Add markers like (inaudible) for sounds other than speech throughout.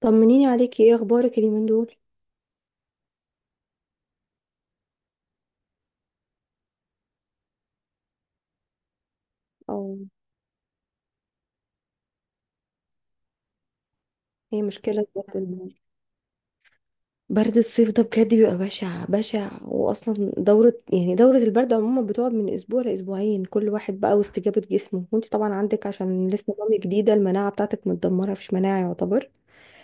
طمنيني عليكي، ايه اخبارك اليومين دول؟ او هي مشكله برد برد الصيف ده بجد بيبقى بشع بشع. واصلا دوره، يعني، دوره البرد عموما بتقعد من اسبوع لاسبوعين، كل واحد بقى واستجابه جسمه. وانت طبعا عندك، عشان لسه مامي جديده، المناعه بتاعتك متدمره، مفيش مناعه يعتبر.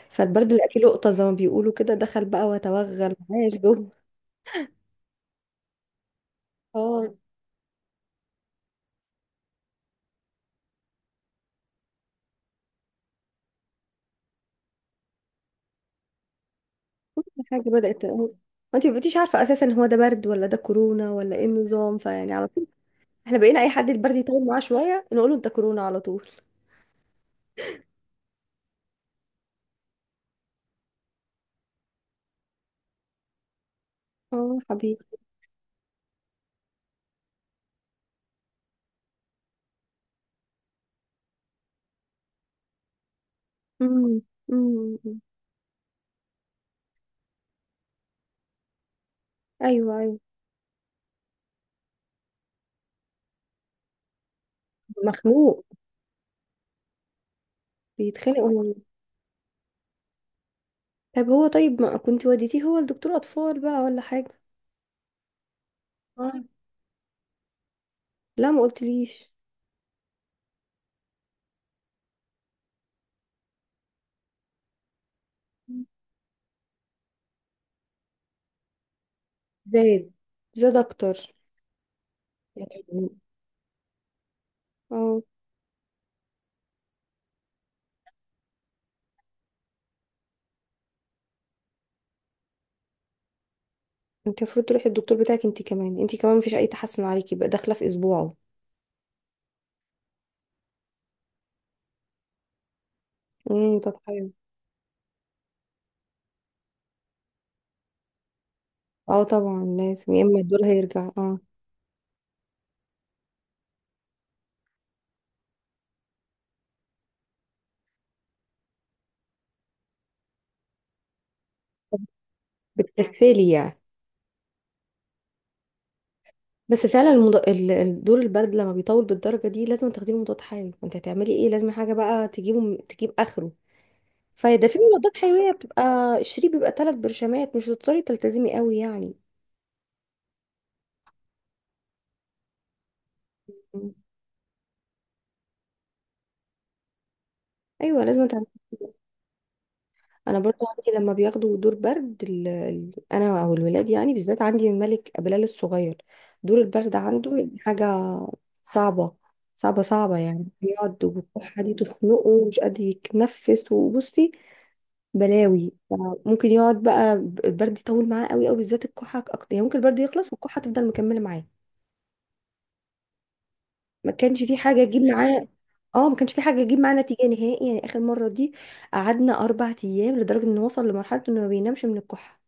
فالبرد اللي اكله لقطه زي ما بيقولوا كده، دخل بقى وتوغل معايا جوه. اه. كل حاجه بدات، انت ما بقيتيش عارفه اساسا هو ده برد ولا ده كورونا ولا ايه النظام، فيعني على طول احنا بقينا اي حد البرد يطول معاه شويه نقول له انت كورونا على طول. اه حبيبي. امم امم ايوه ايوه. مخنوق. بيتخانق ولا إيه؟ طب هو طيب، ما كنت وديتيه هو لدكتور اطفال بقى ولا حاجه؟ اه. لا ما قلتليش. زاد، زاد اكتر. يعني اه. انت المفروض تروحي الدكتور بتاعك انت كمان، انت كمان مفيش اي تحسن عليكي، بقى داخله في اسبوعه. طب حلو. اه طبعا لازم، يا اما الدول هيرجع. اه بتكفلي يعني. بس فعلا دور البرد لما بيطول بالدرجه دي لازم تاخدي له مضاد حيوي. انت هتعملي ايه؟ لازم حاجه بقى تجيبه تجيب اخره. فده في مضادات حيويه بتبقى الشريط بيبقى ثلاث برشامات، مش هتضطري تلتزمي قوي يعني. مم. ايوه لازم تعملي كده. انا برضو عندي لما بياخدوا دور برد، انا او الولاد يعني، بالذات عندي الملك بلال الصغير، دور البرد عنده يعني حاجه صعبه. صعبه صعبه يعني، بيقعد وبتكح دي تخنقه ومش قادر يتنفس. وبصي، بلاوي. ممكن يقعد بقى البرد يطول معاه قوي قوي، بالذات الكحه اكتر يعني. ممكن البرد يخلص والكحه تفضل مكمله معاه. ما كانش في حاجه تجيب معاه. اه ما كانش في حاجه تجيب معاه نتيجه نهائي، يعني اخر مره دي قعدنا اربع ايام لدرجه انه وصل لمرحله انه ما بينامش من الكحه،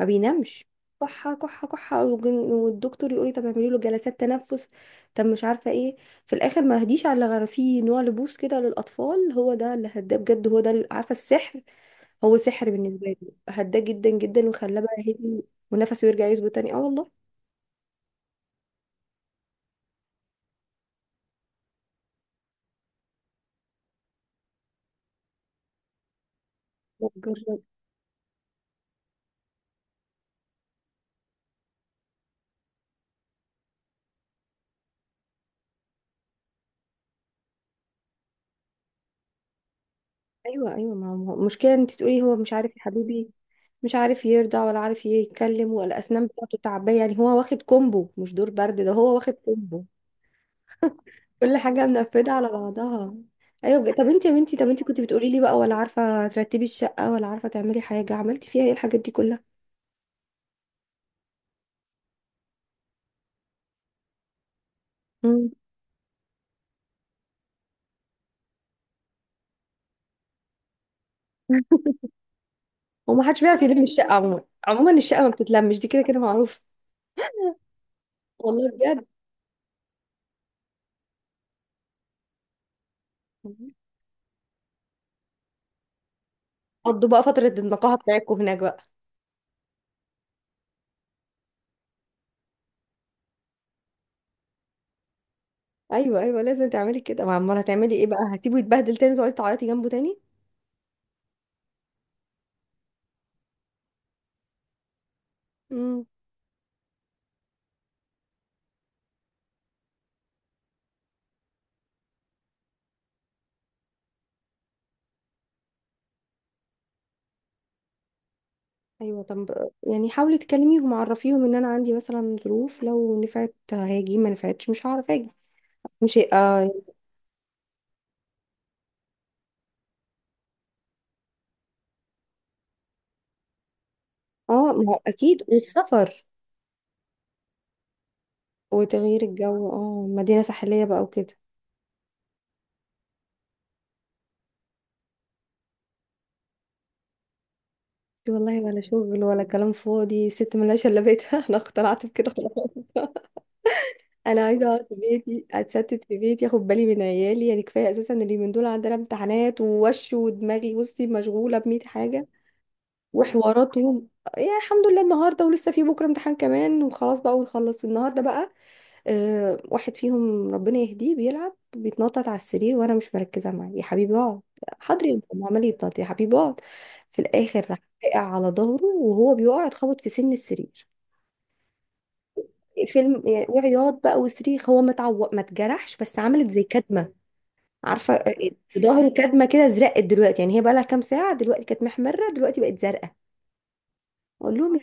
ما بينامش. كحه كحه كحه. والدكتور يقول لي طب اعملي له جلسات تنفس، طب مش عارفه ايه. في الاخر ما هديش على غير في نوع لبوس كده للاطفال، هو ده اللي هداه بجد، عارفه السحر، هو سحر بالنسبة لي، هداه جدا جدا وخلاه بقى هادي ونفسه يرجع يظبط تاني. اه والله. بجرب. ايوه ايوه، ما هو المشكلة انت تقولي هو مش عارف، يا حبيبي مش عارف يرضع ولا عارف يتكلم، والاسنان بتاعته تعبية، يعني هو واخد كومبو مش دور برد ده، هو واخد كومبو. كل حاجة منفذة على بعضها. ايوه بجد. طب انت يا بنتي، طب انت كنت بتقولي لي بقى ولا عارفة ترتبي الشقة ولا عارفة تعملي حاجة، عملتي فيها ايه الحاجات دي كلها؟ مم. هو ما حدش بيعرف يلم الشقة عموما، عموما الشقة ما بتتلمش، دي كده كده معروف. والله بجد، قضوا بقى فترة النقاهة بتاعتكم هناك بقى. ايوه ايوه لازم تعملي كده، ما امال هتعملي ايه بقى، هتسيبه يتبهدل تاني وتقعدي تعيطي جنبه تاني؟ امم ايوه. طب يعني حاولي تكلميهم، عرفيهم ان انا عندي مثلا ظروف، لو نفعت هاجي، ما نفعتش مش هعرف اجي. مش هي- اه. اه ما هو اكيد، والسفر وتغيير الجو، اه مدينة ساحلية بقى وكده. والله ولا شغل ولا كلام فاضي، ست ملهاش الا بيتها (laughs) انا اقتنعت بكده خلاص. انا عايزه اقعد في بيتي، اتستت في بيتي، اخد بالي من عيالي. يعني كفايه اساسا، اليومين دول عندنا امتحانات، ووش ودماغي بصي مشغوله ب 100 حاجه وحواراتهم. يعني الحمد لله النهارده، ولسه في بكره امتحان كمان وخلاص بقى، ونخلص النهارده بقى. أه، واحد فيهم ربنا يهديه، بيلعب بيتنطط على السرير وانا مش مركزه معاه. يا حبيبي اقعد، حاضر يا ماما، عمال يتنطط. يا حبيبي اقعد. في الاخر راح وقع على ظهره، وهو بيقع اتخبط في سن السرير. فيلم وعياط بقى وصريخ. هو ما اتجرحش، بس عملت زي كدمه. عارفه، في ظهره كدمه كده، زرقت دلوقتي يعني. هي بقى لها كام ساعه دلوقتي، كانت محمره دلوقتي بقت زرقاء. اقول لهم،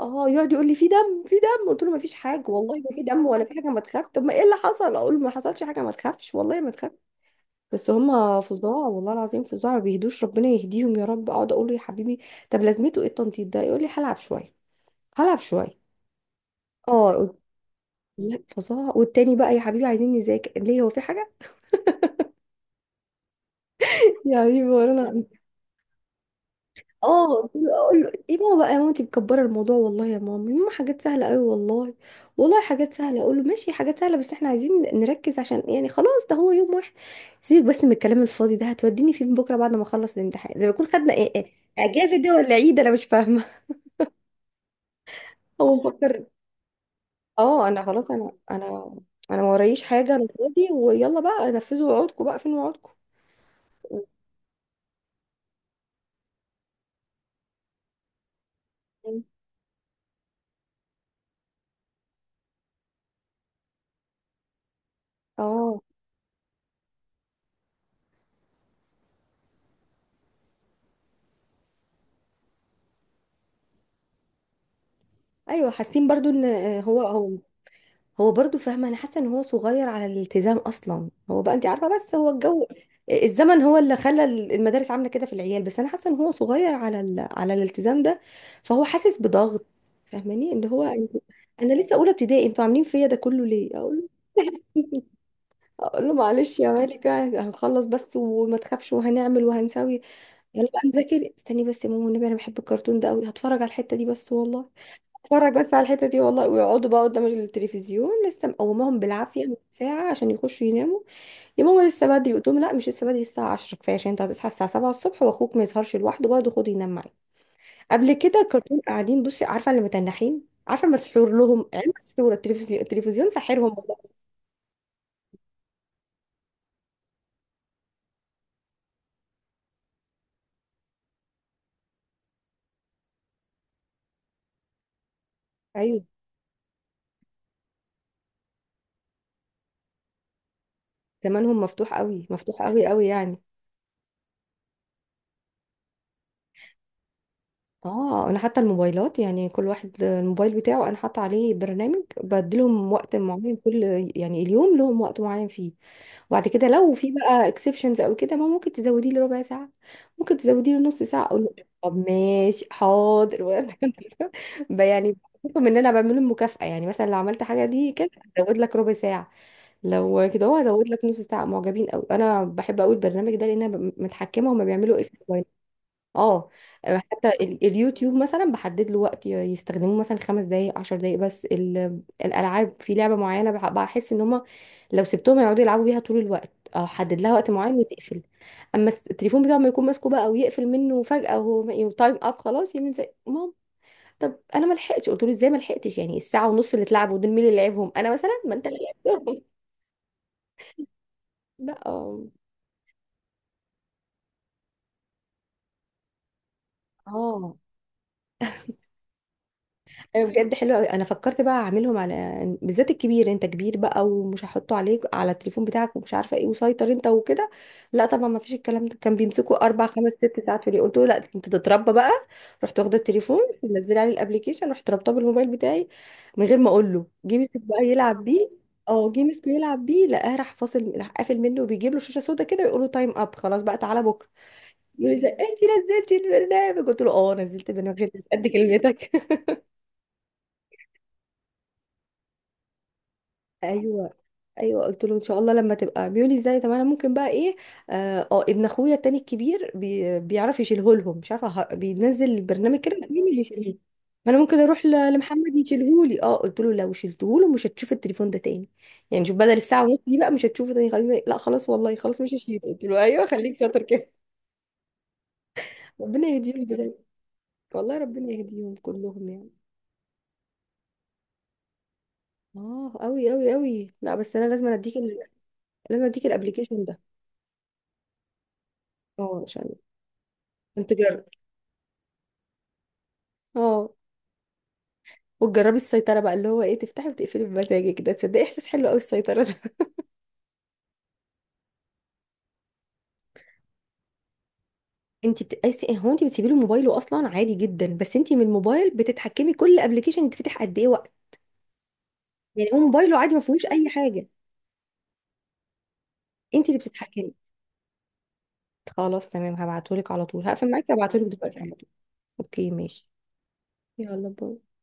اه يقعد يقول لي في دم، في دم. قلت له ما فيش حاجه، والله ما في دم ولا في حاجه، ما تخاف. طب ما ايه اللي حصل؟ اقول له ما حصلش حاجه ما تخافش، والله ما تخاف. بس هم فظاع، والله العظيم فظاع، ما بيهدوش، ربنا يهديهم يا رب. اقعد اقول له يا حبيبي، طب لازمته ايه التنطيط ده؟ يقول لي هلعب شويه، هلعب شويه. اه لا فظاع. والتاني بقى، يا حبيبي عايزين نذاكر، ليه، هو في حاجه؟ يا حبيبي ورانا. اه. اقول له ايه ماما بقى، يا ماما انت مكبره الموضوع والله، يا ماما يا ماما حاجات سهله قوي والله، والله حاجات سهله. اقول له ماشي، حاجات سهله، بس احنا عايزين نركز عشان يعني خلاص ده هو يوم واحد، سيبك بس من الكلام الفاضي ده. هتوديني فين بكره بعد ما اخلص الامتحان؟ زي ما يكون خدنا ايه، ايه اجازه دي ولا عيد، انا مش فاهمه (laughs) هو مفكر. اه انا خلاص، انا انا ما ورايش حاجه، انا فاضي، ويلا بقى نفذوا وعودكم بقى، فين وعودكم؟ اه. ايوه حاسين برضو ان هو هو برضو. فاهمه انا حاسه ان هو صغير على الالتزام اصلا، هو بقى انت عارفه، بس هو الجو، الزمن هو اللي خلى المدارس عامله كده في العيال، بس انا حاسه ان هو صغير على على الالتزام ده، فهو حاسس بضغط. فاهماني ان هو، انا لسه اولى ابتدائي، انتوا عاملين فيا ده كله ليه؟ اقول له (laughs) اقول له معلش يا مالكه، هنخلص بس وما تخافش، وهنعمل وهنسوي. يلا بقى نذاكر. استني بس يا ماما، والنبي انا بحب الكرتون ده قوي، هتفرج على الحته دي بس والله، اتفرج بس على الحتة دي والله. ويقعدوا بقى قدام التلفزيون لسه مقوماهم بالعافية من ساعة عشان يخشوا يناموا. يا ماما لسه بدري، قلت لهم لا مش لسه بدري، الساعة 10 كفاية، عشان انت هتصحى الساعة 7 الصبح، واخوك ما يسهرش لوحده برضه، خده ينام معاك. قبل كده كرتون قاعدين، بصي عارفة اللي متنحين، عارفة مسحور لهم عين مسحورة، التلفزيون التلفزيون ساحرهم والله. ايوه زمانهم مفتوح قوي، مفتوح قوي قوي يعني. اه انا حتى الموبايلات، يعني كل واحد الموبايل بتاعه انا حاطه عليه برنامج بديلهم وقت معين، كل يعني اليوم لهم وقت معين فيه، وبعد كده لو في بقى اكسبشنز او كده، ما ممكن تزوديه لربع ساعه، ممكن تزوديه لنص ساعه. اقول له طب ماشي حاضر (laughs) يعني بحكم ان انا بعمله مكافاه، يعني مثلا لو عملت حاجه دي كده هزود لك ربع ساعه، لو كده هو هزود لك نص ساعه معجبين. او انا بحب قوي البرنامج ده لان انا متحكمه هما بيعملوا ايه في، اه حتى اليوتيوب مثلا بحدد له وقت يستخدموه مثلا خمس دقايق عشر دقايق. بس الالعاب، في لعبه معينه بحس ان هما لو سبتهم يقعدوا يلعبوا بيها طول الوقت، او حدد لها وقت معين وتقفل. اما التليفون بتاعه ما يكون ماسكه بقى ويقفل منه فجاه، وهو تايم اب خلاص، يعمل زي مام. طب انا ما لحقتش، قلت له ازاي ما لحقتش، يعني الساعه ونص اللي اتلعبوا دول مين اللي لعبهم؟ انا مثلا؟ ما انت اللي لعبتهم (laughs) لا. اه، أيوة بجد حلو قوي، انا فكرت بقى اعملهم على بالذات الكبير. انت كبير بقى، ومش هحطه عليك على التليفون بتاعك ومش عارفه ايه، وسيطر انت وكده، لا طبعا ما فيش الكلام ده. كان بيمسكوا اربع خمس ست ساعات في اليوم، قلت له لا انت تتربى بقى. رحت واخده التليفون منزله عليه الابليكيشن، رحت رابطاه بالموبايل بتاعي من غير ما اقول له. جه مسك بقى يلعب بيه، اه جه مسكه يلعب بيه، لقاه راح فاصل، راح قافل منه وبيجيب له شاشه سودا كده يقول له تايم اب، خلاص بقى تعالى بكره. يقول لي إزاي؟ انت نزلتي البرنامج؟ قلت له اه نزلت البرنامج عشان أنت مش قد كلمتك. ايوه ايوه، قلت له ان شاء الله لما تبقى. بيقولي ازاي، طب انا ممكن بقى ايه، اه ابن اخويا التاني الكبير بي بيعرف يشيله لهم، مش عارفه بينزل البرنامج كده، مين اللي يشيله، ما انا ممكن اروح لمحمد يشيله لي. اه قلت له لو شلته له مش هتشوف التليفون ده تاني، يعني شوف، بدل الساعه ونص دي بقى مش هتشوفه تاني. خليني، لا خلاص والله خلاص مش هشيله. قلت له ايوه خليك شاطر كده (laughs) ربنا يهديهم بجد. والله ربنا يهديهم كلهم يعني. اه قوي قوي قوي. لا بس انا لازم اديك لازم اديك الابلكيشن ده. اه عشان انت، اه وتجربي السيطرة بقى اللي هو ايه، تفتحي وتقفلي بمزاجك، ده تصدقي احساس حلو قوي السيطرة ده (laughs) انت بتقيسي هو انت بتسيبي له موبايله اصلا، عادي جدا، بس انت من الموبايل بتتحكمي كل ابلكيشن يتفتح قد ايه وقت، يعني هو موبايله عادي ما فيهوش اي حاجة، انت اللي بتتحكمي. خلاص تمام، هبعتهولك على طول، هقفل معاكي هبعتهولك دلوقتي على طول. اوكي ماشي. يلا باي.